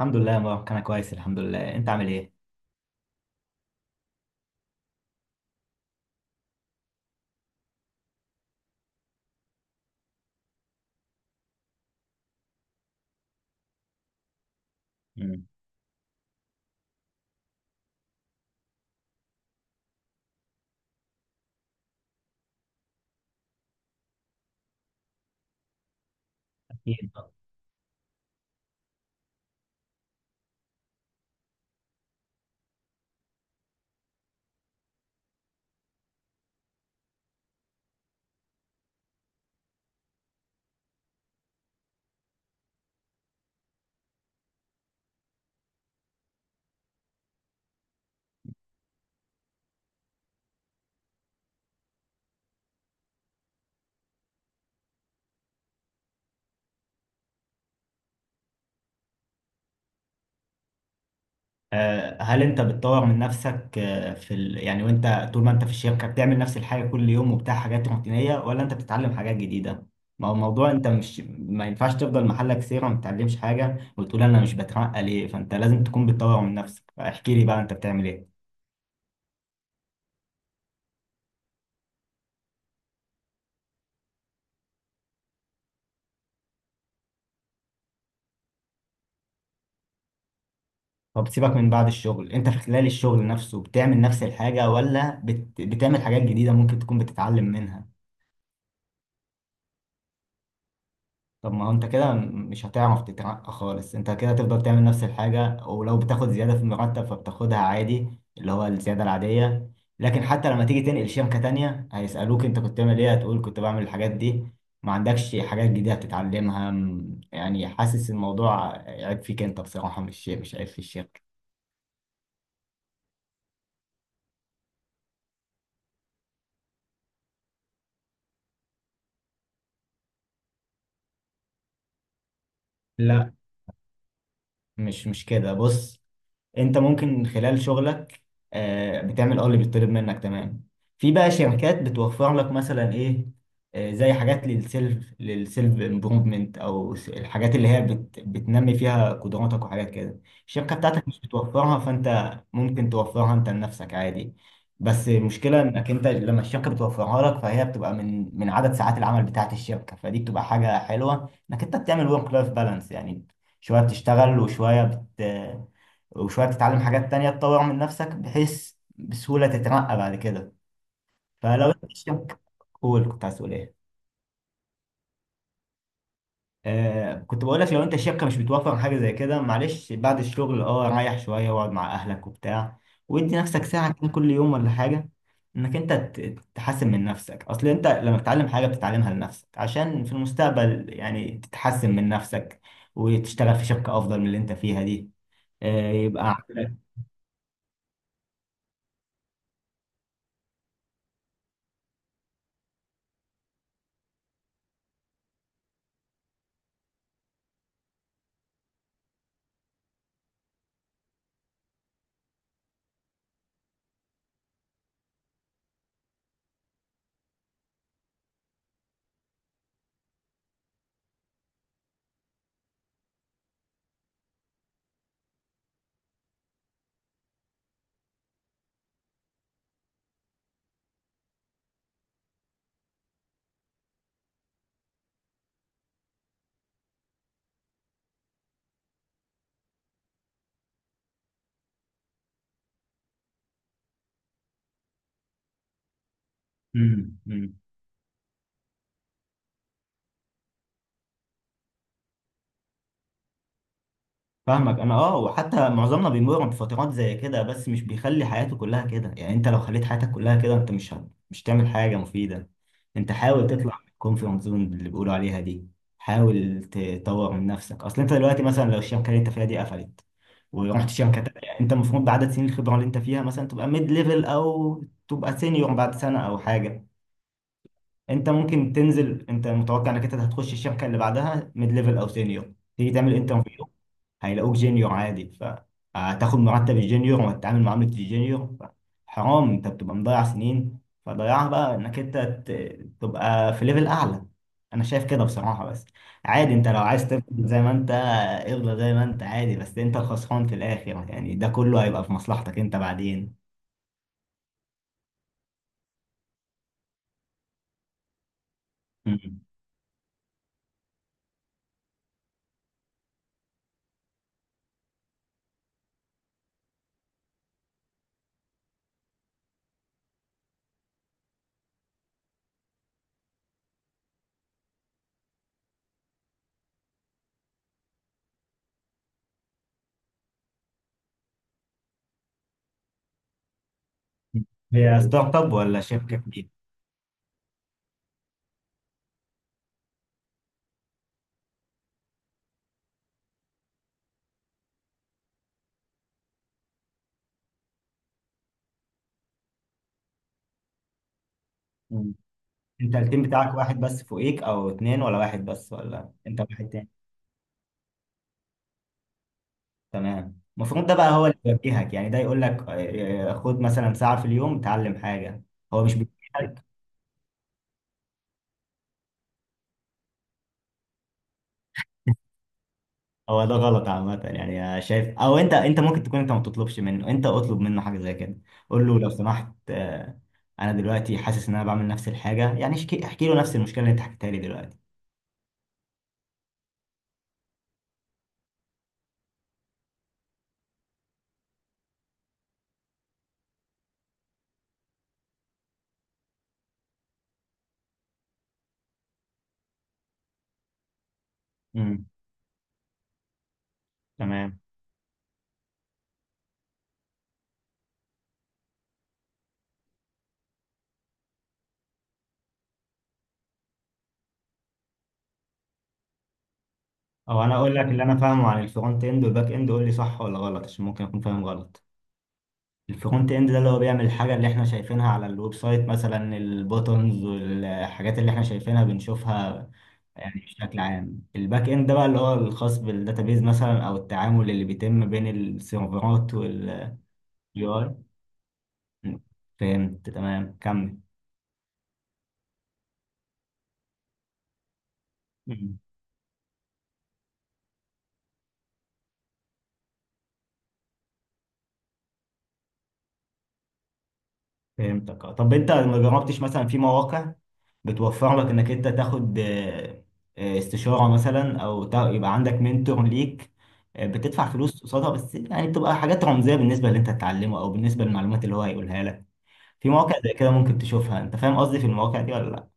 الحمد لله يا مبارك، انا كويس الحمد لله. انت عامل ايه؟ مم. اكيد. هل انت بتطور من نفسك، يعني وانت طول ما انت في الشركه بتعمل نفس الحاجه كل يوم وبتاع حاجات روتينيه، ولا انت بتتعلم حاجات جديده؟ ما هو الموضوع، انت مش... ما ينفعش تفضل محلك سيره ما بتتعلمش حاجه وتقول انا مش بترقى ليه. فانت لازم تكون بتطور من نفسك، فاحكي لي بقى انت بتعمل ايه. طب سيبك من بعد الشغل، انت في خلال الشغل نفسه بتعمل نفس الحاجه، ولا بتعمل حاجات جديده ممكن تكون بتتعلم منها؟ طب ما هو انت كده مش هتعرف تترقى خالص. انت كده هتفضل تعمل نفس الحاجة، ولو بتاخد زيادة في المرتب فبتاخدها عادي، اللي هو الزيادة العادية. لكن حتى لما تيجي تنقل شركة تانية هيسألوك انت كنت بتعمل ايه، هتقول كنت بعمل الحاجات دي. ما عندكش حاجات جديدة هتتعلمها. يعني حاسس الموضوع عيب فيك انت بصراحة، مش عيب في الشركة. لا، مش كده، بص. انت ممكن خلال شغلك بتعمل اللي بيطلب منك تمام. في بقى شركات بتوفر لك مثلا ايه، زي حاجات للسيلف امبروفمنت، الحاجات اللي هي بتنمي فيها قدراتك وحاجات كده. الشركه بتاعتك مش بتوفرها، فانت ممكن توفرها انت لنفسك عادي. بس المشكله انك انت لما الشركه بتوفرها لك فهي بتبقى من عدد ساعات العمل بتاعت الشركه، فدي بتبقى حاجه حلوه انك انت بتعمل ورك لايف بالانس يعني. شويه بتشتغل، وشويه بت وشوية تتعلم حاجات تانية تطور من نفسك، بحيث بسهولة تترقى بعد كده. فلو انت الشركة قول، كنت عايز تقول ايه؟ كنت بقول لك، لو انت الشركة مش بتوفر حاجة زي كده معلش، بعد الشغل ريح شوية واقعد مع اهلك وبتاع، وادي نفسك ساعة كده كل يوم ولا حاجة، انك انت تحسن من نفسك. اصل انت لما بتتعلم حاجة بتتعلمها لنفسك، عشان في المستقبل يعني تتحسن من نفسك وتشتغل في شركة افضل من اللي انت فيها دي. آه يبقى عندك. فاهمك انا وحتى معظمنا بيمر بفترات زي كده، بس مش بيخلي حياته كلها كده يعني. انت لو خليت حياتك كلها كده، انت مش تعمل حاجه مفيده. انت حاول تطلع من الكومفورت زون اللي بيقولوا عليها دي، حاول تطور من نفسك. اصل انت دلوقتي مثلا لو الشركه اللي انت فيها دي قفلت ورحت شركه تانية، يعني انت المفروض بعدد سنين الخبره اللي انت فيها مثلا تبقى ميد ليفل او تبقى سينيور بعد سنه او حاجه. انت ممكن تنزل. انت متوقع انك انت هتخش الشركه اللي بعدها ميد ليفل او سينيور، تيجي تعمل انترفيو هيلاقوك جونيور عادي، فهتاخد مرتب الجونيور وهتتعامل معاملة الجونيور. حرام، انت بتبقى مضيع سنين. فضيعها بقى انك انت تبقى في ليفل اعلى. انا شايف كده بصراحة، بس عادي انت لو عايز تفضل زي ما انت، افضل زي ما انت عادي، بس انت الخسران في الاخر يعني. ده كله هيبقى في مصلحتك انت بعدين. مم. هي ستارت اب ولا شركة كبيرة؟ مم. انت التيم بتاعك واحد بس فوقيك او اتنين، ولا واحد بس، ولا انت واحد؟ تمام، المفروض ده بقى هو اللي يوجهك يعني، ده يقول لك خد مثلا ساعة في اليوم اتعلم حاجة. هو مش بيوجهك؟ هو ده غلط عامة يعني. شايف، او انت، انت ممكن تكون انت ما تطلبش منه، انت اطلب منه حاجة زي كده. قول له لو سمحت، انا دلوقتي حاسس ان انا بعمل نفس الحاجة يعني، احكي له نفس المشكلة اللي انت حكيتها لي دلوقتي. امم. تمام، او انا اقول لك اللي انا فاهمه عن الفرونت اند والباك اند، قول لي صح ولا غلط عشان ممكن اكون فاهم غلط. الفرونت اند ده اللي هو بيعمل الحاجة اللي احنا شايفينها على الويب سايت مثلا، البوتنز والحاجات اللي احنا شايفينها بنشوفها. يعني بشكل عام الباك اند ده بقى اللي هو الخاص بالداتابيز مثلا، او التعامل اللي بيتم بين السيرفرات اي. فهمت. تمام، كمل. فهمتك طب انت ما جربتش مثلا في مواقع بتوفر لك انك انت تاخد استشارة مثلا، او يبقى عندك منتور ليك، بتدفع فلوس قصادها، بس يعني بتبقى حاجات رمزية بالنسبة اللي انت هتتعلمه او بالنسبة للمعلومات اللي هو هيقولها لك. في مواقع زي كده ممكن تشوفها. انت فاهم قصدي في المواقع دي ولا لا؟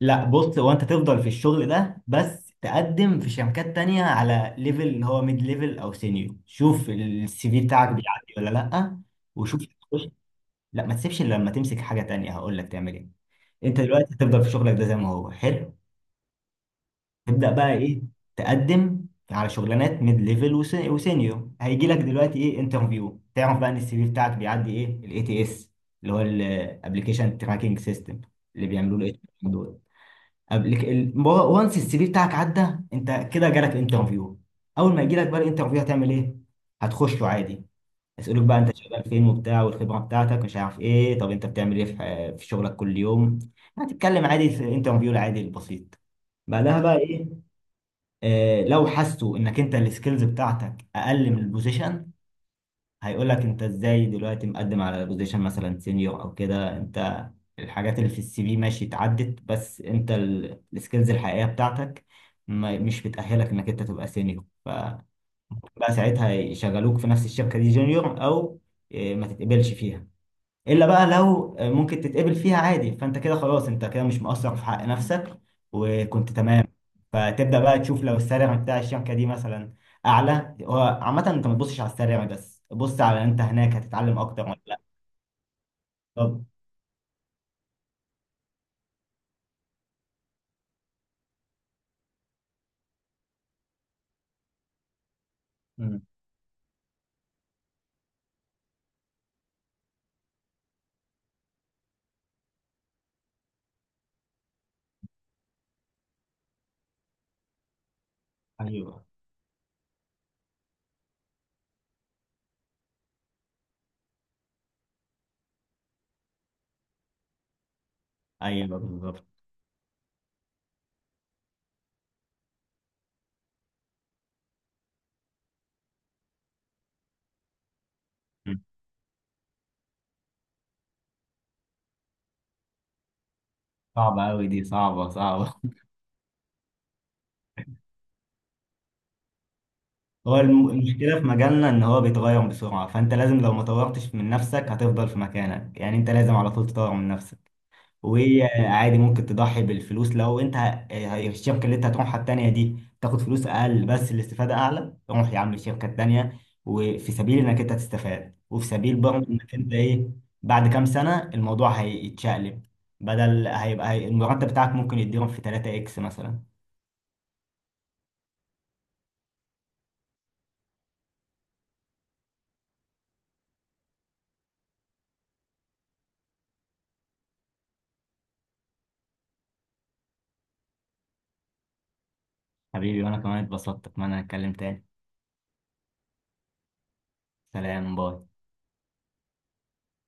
لا، بص. هو انت تفضل في الشغل ده، بس تقدم في شركات تانية على ليفل اللي هو ميد ليفل او سينيور، شوف السي في بتاعك بيعدي ولا لا. وشوف. لا، ما تسيبش الا لما تمسك حاجه تانية. هقول لك تعمل ايه. انت دلوقتي هتفضل في شغلك ده زي ما هو، حلو. تبدا بقى ايه؟ تقدم على شغلانات ميد ليفل وسينيور. هيجي لك دلوقتي ايه، انترفيو. تعرف بقى ان السي في بتاعك بيعدي ايه، ATS اللي هو الابلكيشن تراكنج سيستم اللي بيعملوه له دول. وانس السي في بتاعك عدى، انت كده جالك انترفيو. اول ما يجي لك بقى الانترفيو هتعمل ايه؟ هتخشه عادي. يسألوك بقى انت شغال فين وبتاع والخبرة بتاعتك مش عارف ايه، طب انت بتعمل ايه في في شغلك كل يوم. هتتكلم عادي في انترفيو العادي البسيط. بعدها بقى ايه؟ آه، لو حسوا انك انت السكيلز بتاعتك اقل من البوزيشن، هيقول لك انت ازاي دلوقتي مقدم على بوزيشن مثلا سينيور او كده، انت الحاجات اللي في السي في ماشي اتعدت، بس انت السكيلز الحقيقية بتاعتك مش بتأهلك انك انت تبقى سينيور. فبقى ساعتها يشغلوك في نفس الشركة دي جونيور، او ما تتقبلش فيها. الا بقى لو ممكن تتقبل فيها عادي، فانت كده خلاص، انت كده مش مقصر في حق نفسك وكنت تمام. فتبدا بقى تشوف لو السالري بتاع الشركه دي مثلا اعلى. هو عامه انت ما تبصش على السالري بس، بص على انت هناك هتتعلم اكتر ولا لا. طب. مم. ايوه. ايوه بالظبط. مم. صعبه قوي دي، صعبه صعبه. هو المشكله في مجالنا ان هو بيتغير بسرعه، فانت لازم لو ما طورتش من نفسك هتفضل في مكانك يعني، انت لازم على طول تطور من نفسك. وهي عادي ممكن تضحي بالفلوس، لو انت الشركه اللي انت هتروحها التانيه دي تاخد فلوس اقل بس الاستفاده اعلى، روح يا عم الشركه التانيه، وفي سبيل انك انت تستفاد، وفي سبيل برضه انك انت ايه، بعد كام سنه الموضوع هيتشقلب. بدل هيبقى المرتب بتاعك ممكن يتضرب في 3 اكس مثلا. حبيبي، وانا كمان اتبسطت. اتمنى نتكلم تاني. سلام. باي.